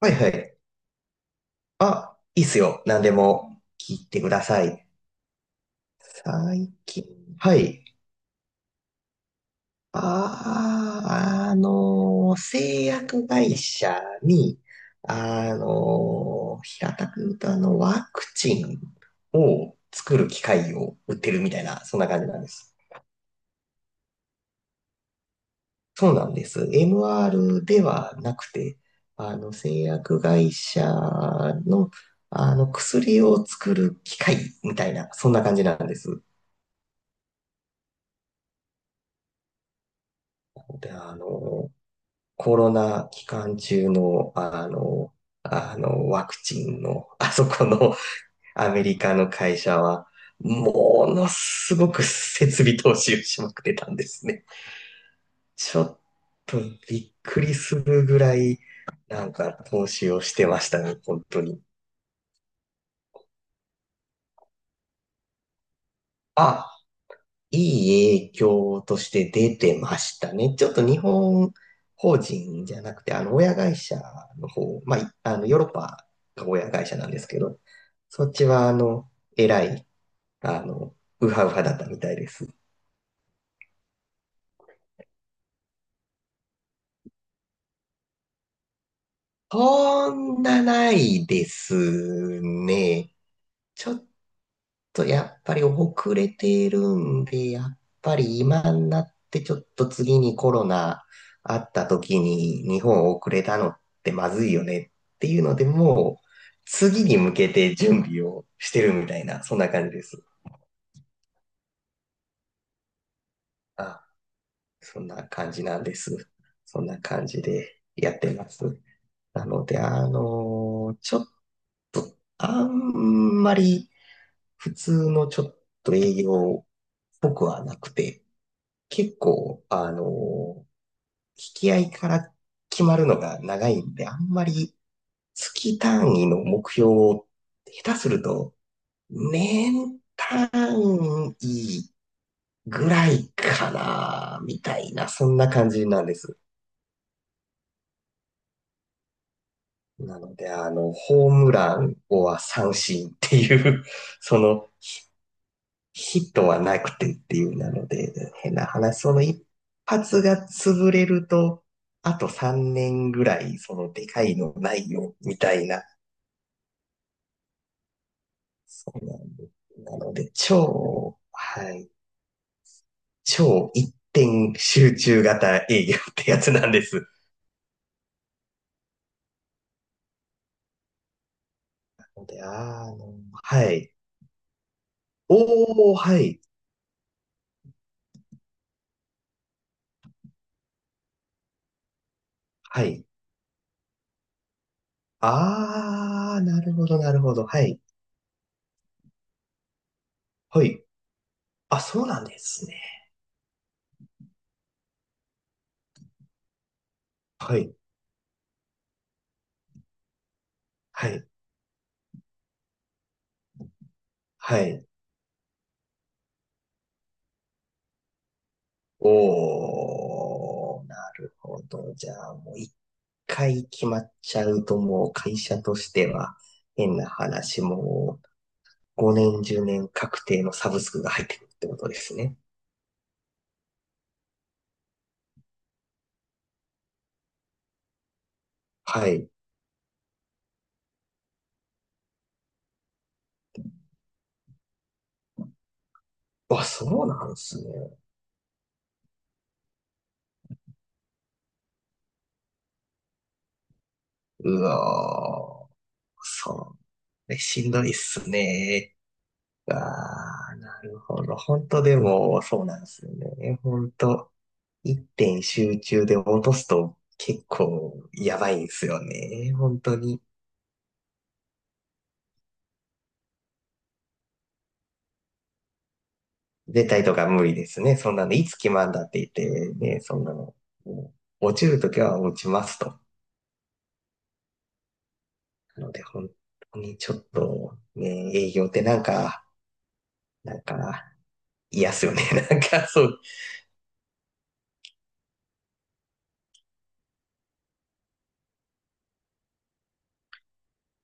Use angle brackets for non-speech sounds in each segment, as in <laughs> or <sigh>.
はいはい。あ、いいっすよ。何でも聞いてください。最近、はい。製薬会社に、平たく言うとワクチンを作る機械を売ってるみたいな、そんな感じなんです。そうなんです。MR ではなくて、製薬会社の、薬を作る機械みたいな、そんな感じなんです。で、コロナ期間中の、ワクチンの、<laughs> あそこの <laughs> アメリカの会社は、ものすごく設備投資をしまくってたんですね。ちょっとびっくりするぐらい、なんか投資をしてましたね、本当に。あ、いい影響として出てましたね。ちょっと日本法人じゃなくて、親会社の方、まあ、いあの、ヨーロッパが親会社なんですけど、そっちは、えらい、あの、ウハウハだったみたいです。そんなないですね。ちょっとやっぱり遅れているんで、やっぱり今になってちょっと次にコロナあった時に日本遅れたのってまずいよねっていうので、もう次に向けて準備をしてるみたいな、そんな感じです。あ、そんな感じなんです。そんな感じでやってます。なので、ちょっと、あんまり普通のちょっと営業っぽくはなくて、結構、ー引き合いから決まるのが長いんで、あんまり月単位の目標を下手すると、年単位ぐらいかな、みたいな、そんな感じなんです。なので、ホームラン、をは三振っていう、<laughs> そのヒットはなくてっていうなので、変な話、その一発が潰れると、あと3年ぐらい、そのでかいのないよ、みたいな。そうなんです。なので、超、はい、超一点集中型営業ってやつなんです。ので、あーの、はい。おー、はい、はい。あー、なるほど、なるほど、はい、はい。あ、そうなんですね。はい、はい、はい。おー、なるほど。じゃあ、もう一回決まっちゃうと、もう会社としては、変な話、もう5年、10年確定のサブスクが入ってくるってことですね。はい。あ、そうなんですね。うわー、そう。しんどいっすね。ああ、なるほど。本当でも、そうなんですよね。本当一点集中で落とすと結構やばいんですよね。本当に。出たりとか無理ですね。そんなの、いつ決まんだって言ってね、そんなの。もう落ちるときは落ちますと。なので、本当にちょっとね、営業ってなんか、なんか嫌っすよね。<laughs> なんかそう、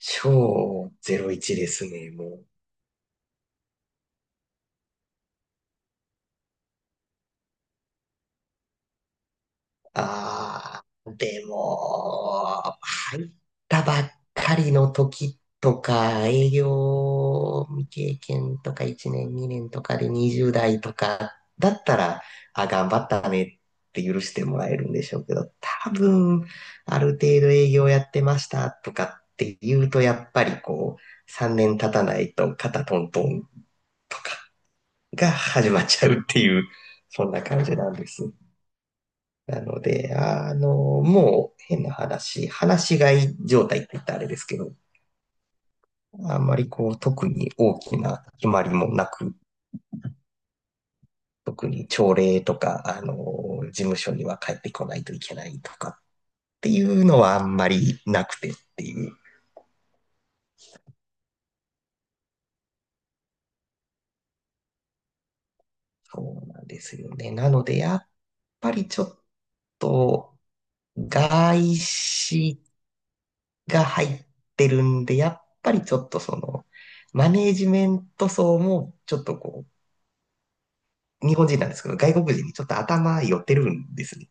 超01ですね、もう。ああ、でも、入ったばっかりの時とか、営業未経験とか1年2年とかで20代とかだったら、あ、頑張ったねって許してもらえるんでしょうけど、多分、ある程度営業やってましたとかって言うと、やっぱりこう、3年経たないと肩トントンとかが始まっちゃうっていう、そんな感じなんです。なので、もう変な話、話し飼い状態って言ったらあれですけど、あんまりこう特に大きな決まりもなく、特に朝礼とか、事務所には帰ってこないといけないとかっていうのはあんまりなくてっていう。そうなんですよね。なので、やっぱりちょっと外資が入ってるんで、やっぱりちょっとその、マネージメント層もちょっと日本人なんですけど、外国人にちょっと頭寄ってるんですね。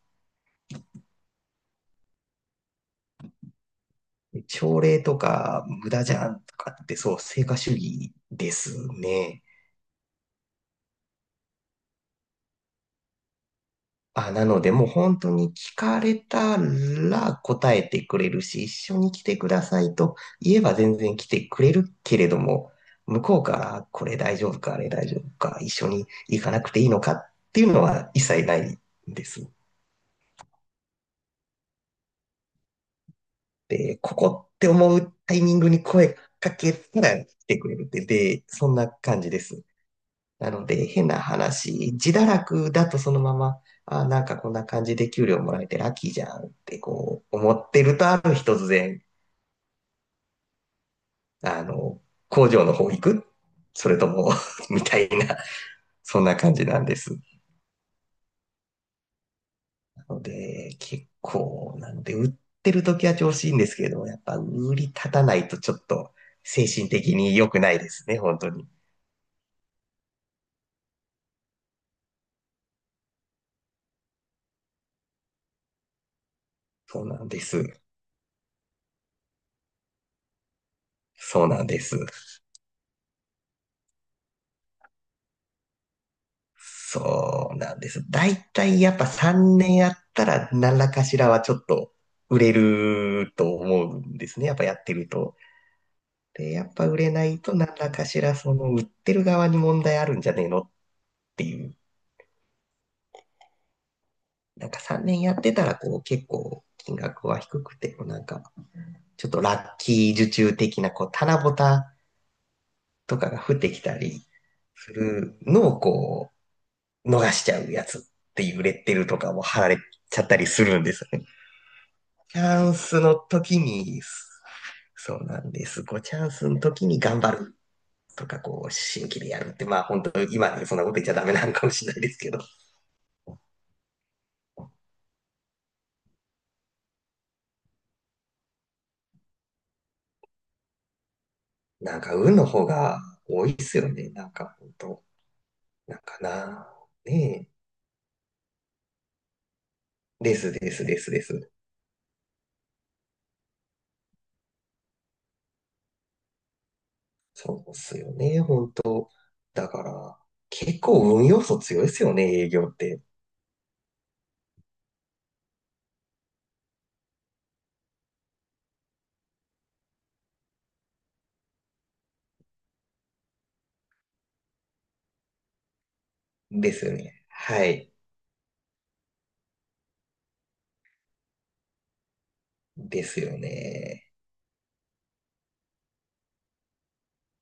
朝礼とか無駄じゃんとかって、そう、成果主義ですね。あ、なので、もう本当に聞かれたら答えてくれるし、一緒に来てくださいと言えば全然来てくれるけれども、向こうからこれ大丈夫か、あれ大丈夫か、一緒に行かなくていいのかっていうのは一切ないんですね。で、ここって思うタイミングに声かけたら来てくれるって、で、そんな感じです。なので、変な話、自堕落だとそのまま、あ、なんかこんな感じで給料もらえてラッキーじゃんってこう思ってると、ある日突然、あの、工場の方行くそれとも <laughs> みたいな、<laughs> そんな感じなんです。なので、売ってる時は調子いいんですけれども、やっぱ売り立たないとちょっと精神的に良くないですね、本当に。そうなんです。そうなんです。そうなんです。だいたいやっぱ3年やったら何らかしらはちょっと売れると思うんですね。やっぱやってると。で、やっぱ売れないと何らかしらその売ってる側に問題あるんじゃねえのっていう。なんか3年やってたらこう結構金額は低くて、こうなんかちょっとラッキー受注的なこう棚ぼたとかが降ってきたりするのを逃しちゃうやつっていうレッテルとかも貼られちゃったりするんですよね。チャンスの時に、そうなんです。こう、チャンスの時に頑張るとか、こう、新規でやるって、まあ本当今ね、そんなこと言っちゃダメなのかもしれないですけど、なんか運の方が多いっすよね。なんか本当なんかな、ねえ。ですですですです。そうっすよね、本当だから、結構運要素強いですよね、営業って。ですよね。はい。ですよね。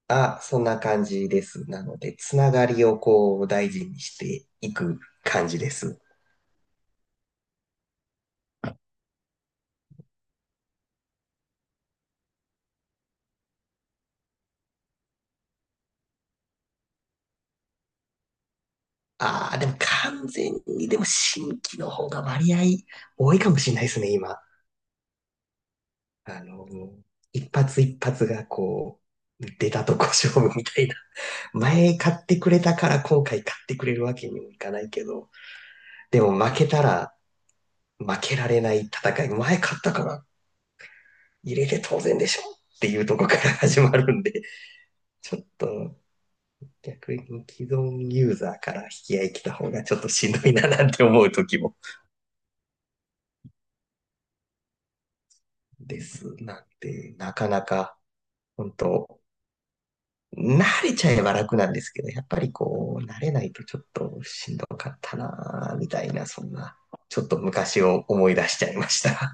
あ、そんな感じです。なので、つながりをこう大事にしていく感じです。ああ、でも完全に、でも新規の方が割合多いかもしれないですね、今。あの、一発一発がこう、出たとこ勝負みたいな。前買ってくれたから今回買ってくれるわけにもいかないけど、でも負けたら負けられない戦い、前買ったから入れて当然でしょっていうとこから始まるんで、ちょっと逆に既存ユーザーから引き合い来た方がちょっとしんどいななんて思う時もですなんて、なかなか、本当慣れちゃえば楽なんですけど、やっぱりこう、慣れないとちょっとしんどかったな、みたいな、そんな、ちょっと昔を思い出しちゃいました。